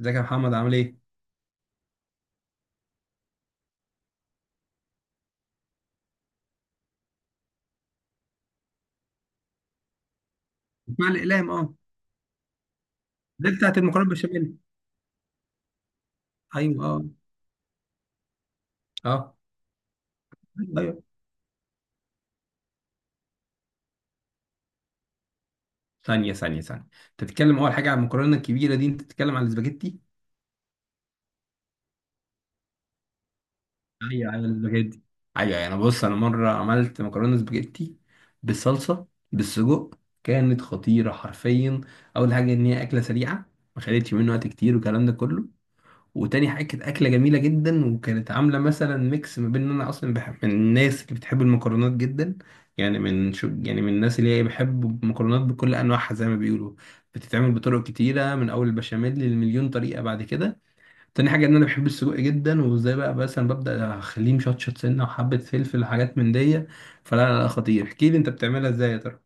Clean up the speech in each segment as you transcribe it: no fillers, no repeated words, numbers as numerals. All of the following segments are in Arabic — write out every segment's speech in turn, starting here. ازيك يا محمد عامل ايه؟ اسماع الاقلام اه، دي بتاعت المكرونه بالبشاميل. ايوه اه. اه ايوه أيوة. ثانيه، انت بتتكلم اول حاجه عن المكرونه الكبيره دي، انت بتتكلم عن الاسباجيتي. ايوه ايوه الاسباجيتي. ايوه، انا بص مره عملت مكرونه سباجيتي بالصلصه بالسجق، كانت خطيره حرفيا. اول حاجه ان هي اكله سريعه، ما خدتش مني وقت كتير والكلام ده كله. وتاني حاجة كانت أكلة جميلة جدا، وكانت عاملة مثلا ميكس ما بين إن أنا أصلا بحب، من الناس اللي بتحب المكرونات جدا. يعني من شو يعني من الناس اللي هي بحب المكرونات بكل أنواعها، زي ما بيقولوا بتتعمل بطرق كتيرة، من أول البشاميل للمليون طريقة بعد كده. تاني حاجة إن أنا بحب السجق جدا، وإزاي بقى مثلا ببدأ أخليه مشطشط سنة وحبة فلفل وحاجات من دي. فلا لا لا خطير، احكيلي أنت بتعملها إزاي يا ترى.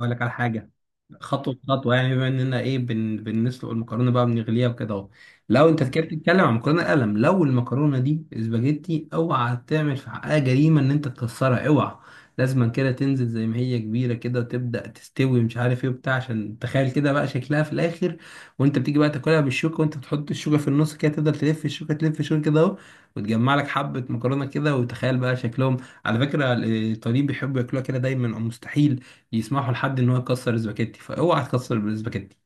أقول لك على حاجة، خطوة بخطوة، يعني بما اننا ايه بنسلق المكرونة بقى، بنغليها وكده اهو. لو انت كده بتتكلم عن مكرونة قلم، لو المكرونة دي اسباجيتي، اوعى تعمل في حقها جريمة ان انت تكسرها، اوعى. لازما كده تنزل زي ما هي كبيرة كده وتبدأ تستوي مش عارف ايه وبتاع، عشان تخيل كده بقى شكلها في الاخر. وانت بتيجي بقى تاكلها بالشوكة، وانت بتحط الشوكة في النص كده تفضل تلف الشوكة، تلف الشوكة كده اهو، وتجمع لك حبة مكرونة كده، وتخيل بقى شكلهم. على فكرة الإيطاليين بيحبوا ياكلوها كده دايما، او مستحيل يسمحوا لحد ان هو يكسر الاسباجيتي، فاوعى تكسر الاسباجيتي.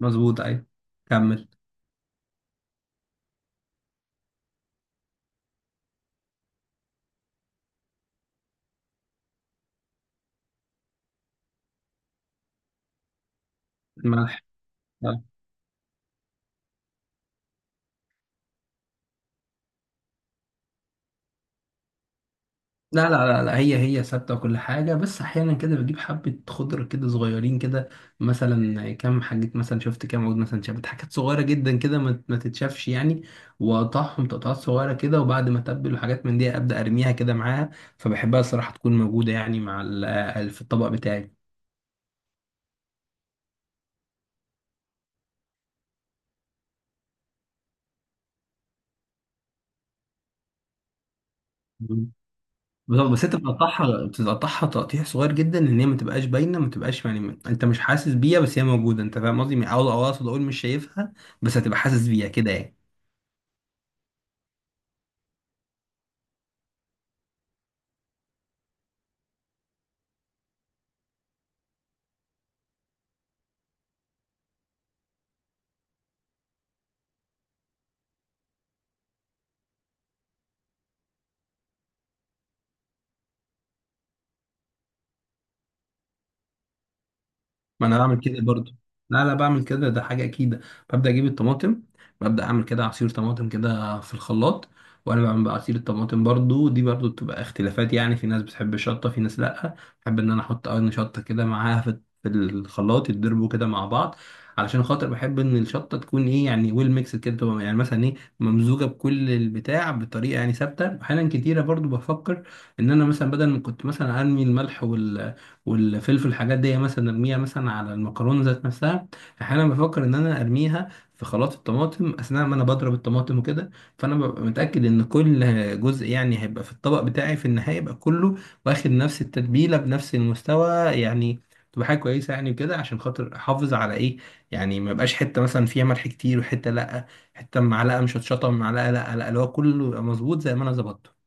مظبوط ايوه. كمل. ملح آه. لا هي ثابته وكل حاجه، بس احيانا كده بجيب حبه خضره كده صغيرين كده، مثلا كام حاجه، مثلا شفت كام عود، مثلا شافت حاجات صغيره جدا كده ما تتشافش يعني، واقطعهم تقطعات صغيره كده، وبعد ما اتبل وحاجات من دي ابدا ارميها كده معاها. فبحبها الصراحه تكون موجوده يعني مع في الطبق بتاعي. بالظبط. بس انت بتقطعها تقطيع صغير جدا، ان هي ما تبقاش باينه، ما تبقاش يعني انت مش حاسس بيها، بس هي موجوده. انت فاهم قصدي، او اقصد اقول مش شايفها، بس هتبقى حاسس بيها كده يعني. ما انا بعمل كده برضو. لا بعمل كده، ده حاجه اكيده. ببدا اجيب الطماطم، ببدا اعمل كده عصير طماطم كده في الخلاط. وانا بعمل بقى عصير الطماطم، برضو دي برضو بتبقى اختلافات، يعني في ناس بتحب الشطه، في ناس لا. بحب ان انا احط قرن شطه كده معاها في الخلاط، يتضربوا كده مع بعض، علشان خاطر بحب ان الشطه تكون ايه، يعني ويل ميكس كده، تبقى يعني مثلا ايه، ممزوجه بكل البتاع بطريقه يعني ثابته. احيانا كتيره برضو بفكر ان انا مثلا بدل ما كنت مثلا ارمي الملح وال والفلفل الحاجات دي مثلا ارميها مثلا على المكرونه ذات نفسها، احيانا بفكر ان انا ارميها في خلاط الطماطم اثناء ما انا بضرب الطماطم وكده. فانا ببقى متاكد ان كل جزء يعني هيبقى في الطبق بتاعي في النهايه يبقى كله واخد نفس التتبيله بنفس المستوى، يعني تبقى حاجه كويسه يعني كده عشان خاطر احافظ على ايه، يعني ما يبقاش حته مثلا فيها ملح كتير وحته لا، حته معلقه مشطشطه معلقه لا اللي هو كله يبقى مظبوط زي ما انا ظبطته.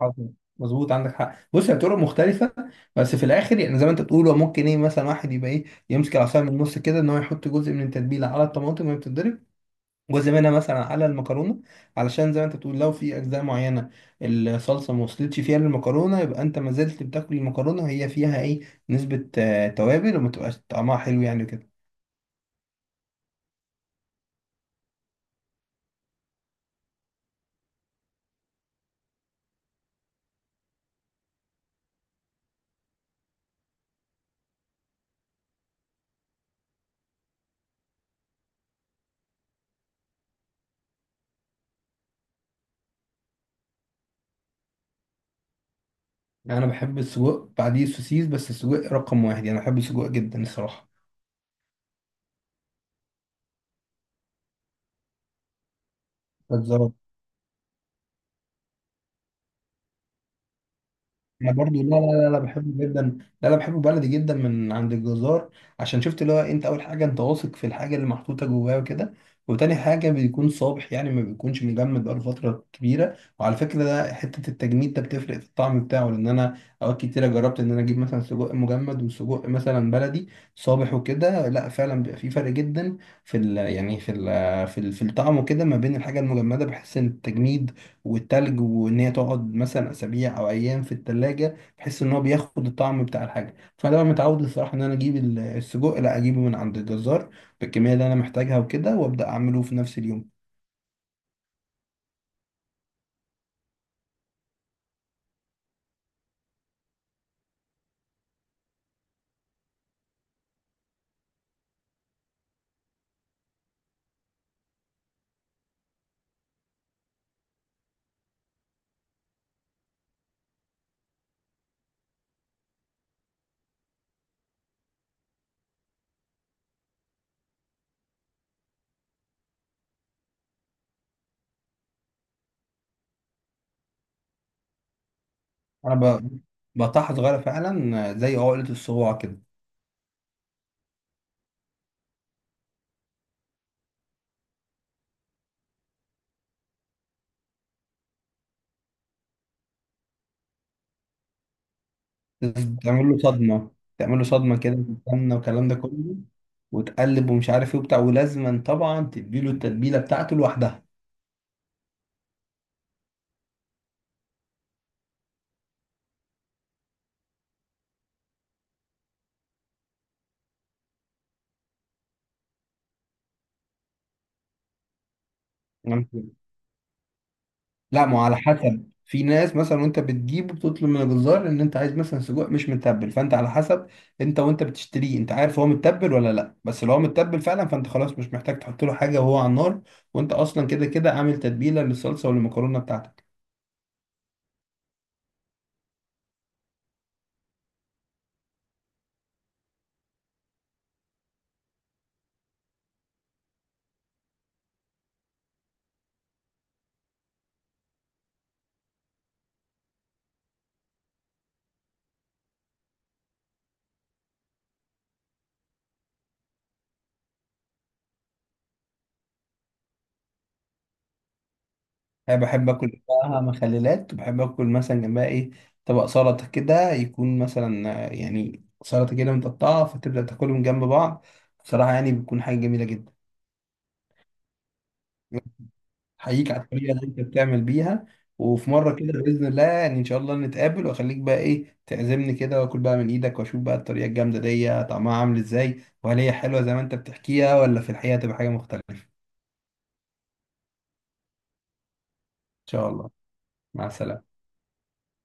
حصل. مظبوط، عندك حق. بص هي طرق مختلفة، بس في الآخر يعني زي ما أنت بتقول، هو ممكن إيه مثلا واحد يبقى إيه يمسك العصاية من النص كده، إن هو يحط جزء من التتبيلة على الطماطم وهي بتتضرب، جزء منها مثلا على المكرونة، علشان زي ما أنت بتقول لو في أجزاء معينة الصلصة ما وصلتش فيها للمكرونة، يبقى أنت ما زلت بتاكل المكرونة وهي فيها إيه، نسبة آه، توابل، وما تبقاش طعمها حلو يعني كده. أنا بحب السجق بعديه السوسيس، بس السجق رقم واحد، يعني أنا بحب السجق جدا الصراحة. بالظبط. انا برضو، لا بحبه جدا. لا بحبه بلدي جدا من عند الجزار، عشان شفت اللي هو انت اول حاجه انت واثق في الحاجه اللي محطوطه جواه وكده، وتاني حاجه بيكون صابح، يعني ما بيكونش مجمد بقاله فتره كبيره. وعلى فكره ده حته التجميد ده بتفرق في الطعم بتاعه، لان انا اوقات كتيره جربت ان انا اجيب مثلا سجق مجمد وسجق مثلا بلدي صابح وكده، لا فعلا بيبقى في فرق جدا في ال، يعني في ال في الطعم وكده، ما بين الحاجه المجمده، بحس ان التجميد والتلج وان هي تقعد مثلا اسابيع او ايام في التلاجة، بحيث ان هو بياخد الطعم بتاع الحاجه. فانا بقى متعود الصراحه ان انا اجيب السجق، لا اجيبه من عند الجزار بالكميه اللي انا محتاجها وكده، وابدا اعمله في نفس اليوم. انا ب- بقطعها صغيره فعلا زي عقله الصباع كده. تعمل له صدمه، تعمل له صدمه كده بالسمنه والكلام ده كله، وتقلب ومش عارف ايه وبتاع، ولازما طبعا تديله التتبيله بتاعته لوحدها. لا ما هو على حسب، في ناس مثلا وانت بتجيبه بتطلب من الجزار ان انت عايز مثلا سجق مش متبل، فانت على حسب انت وانت بتشتريه انت عارف هو متبل ولا لا، بس لو هو متبل فعلا فانت خلاص مش محتاج تحط له حاجه وهو على النار، وانت اصلا كده كده عامل تتبيله للصلصه والمكرونه بتاعتك. انا بحب اكل بقى مخللات، وبحب اكل مثلا جنبها ايه، طبق سلطه كده يكون مثلا آه، يعني سلطه كده متقطعه، فتبدا تاكلهم جنب بعض، بصراحه يعني بتكون حاجه جميله جدا. احييك على الطريقه اللي انت بتعمل بيها، وفي مره كده باذن الله، يعني ان شاء الله نتقابل واخليك بقى ايه تعزمني كده، واكل بقى من ايدك واشوف بقى الطريقه الجامده دي طعمها عامل ازاي، وهل هي حلوه زي ما انت بتحكيها ولا في الحقيقه تبقى حاجه مختلفه. ان شاء الله. مع السلامه.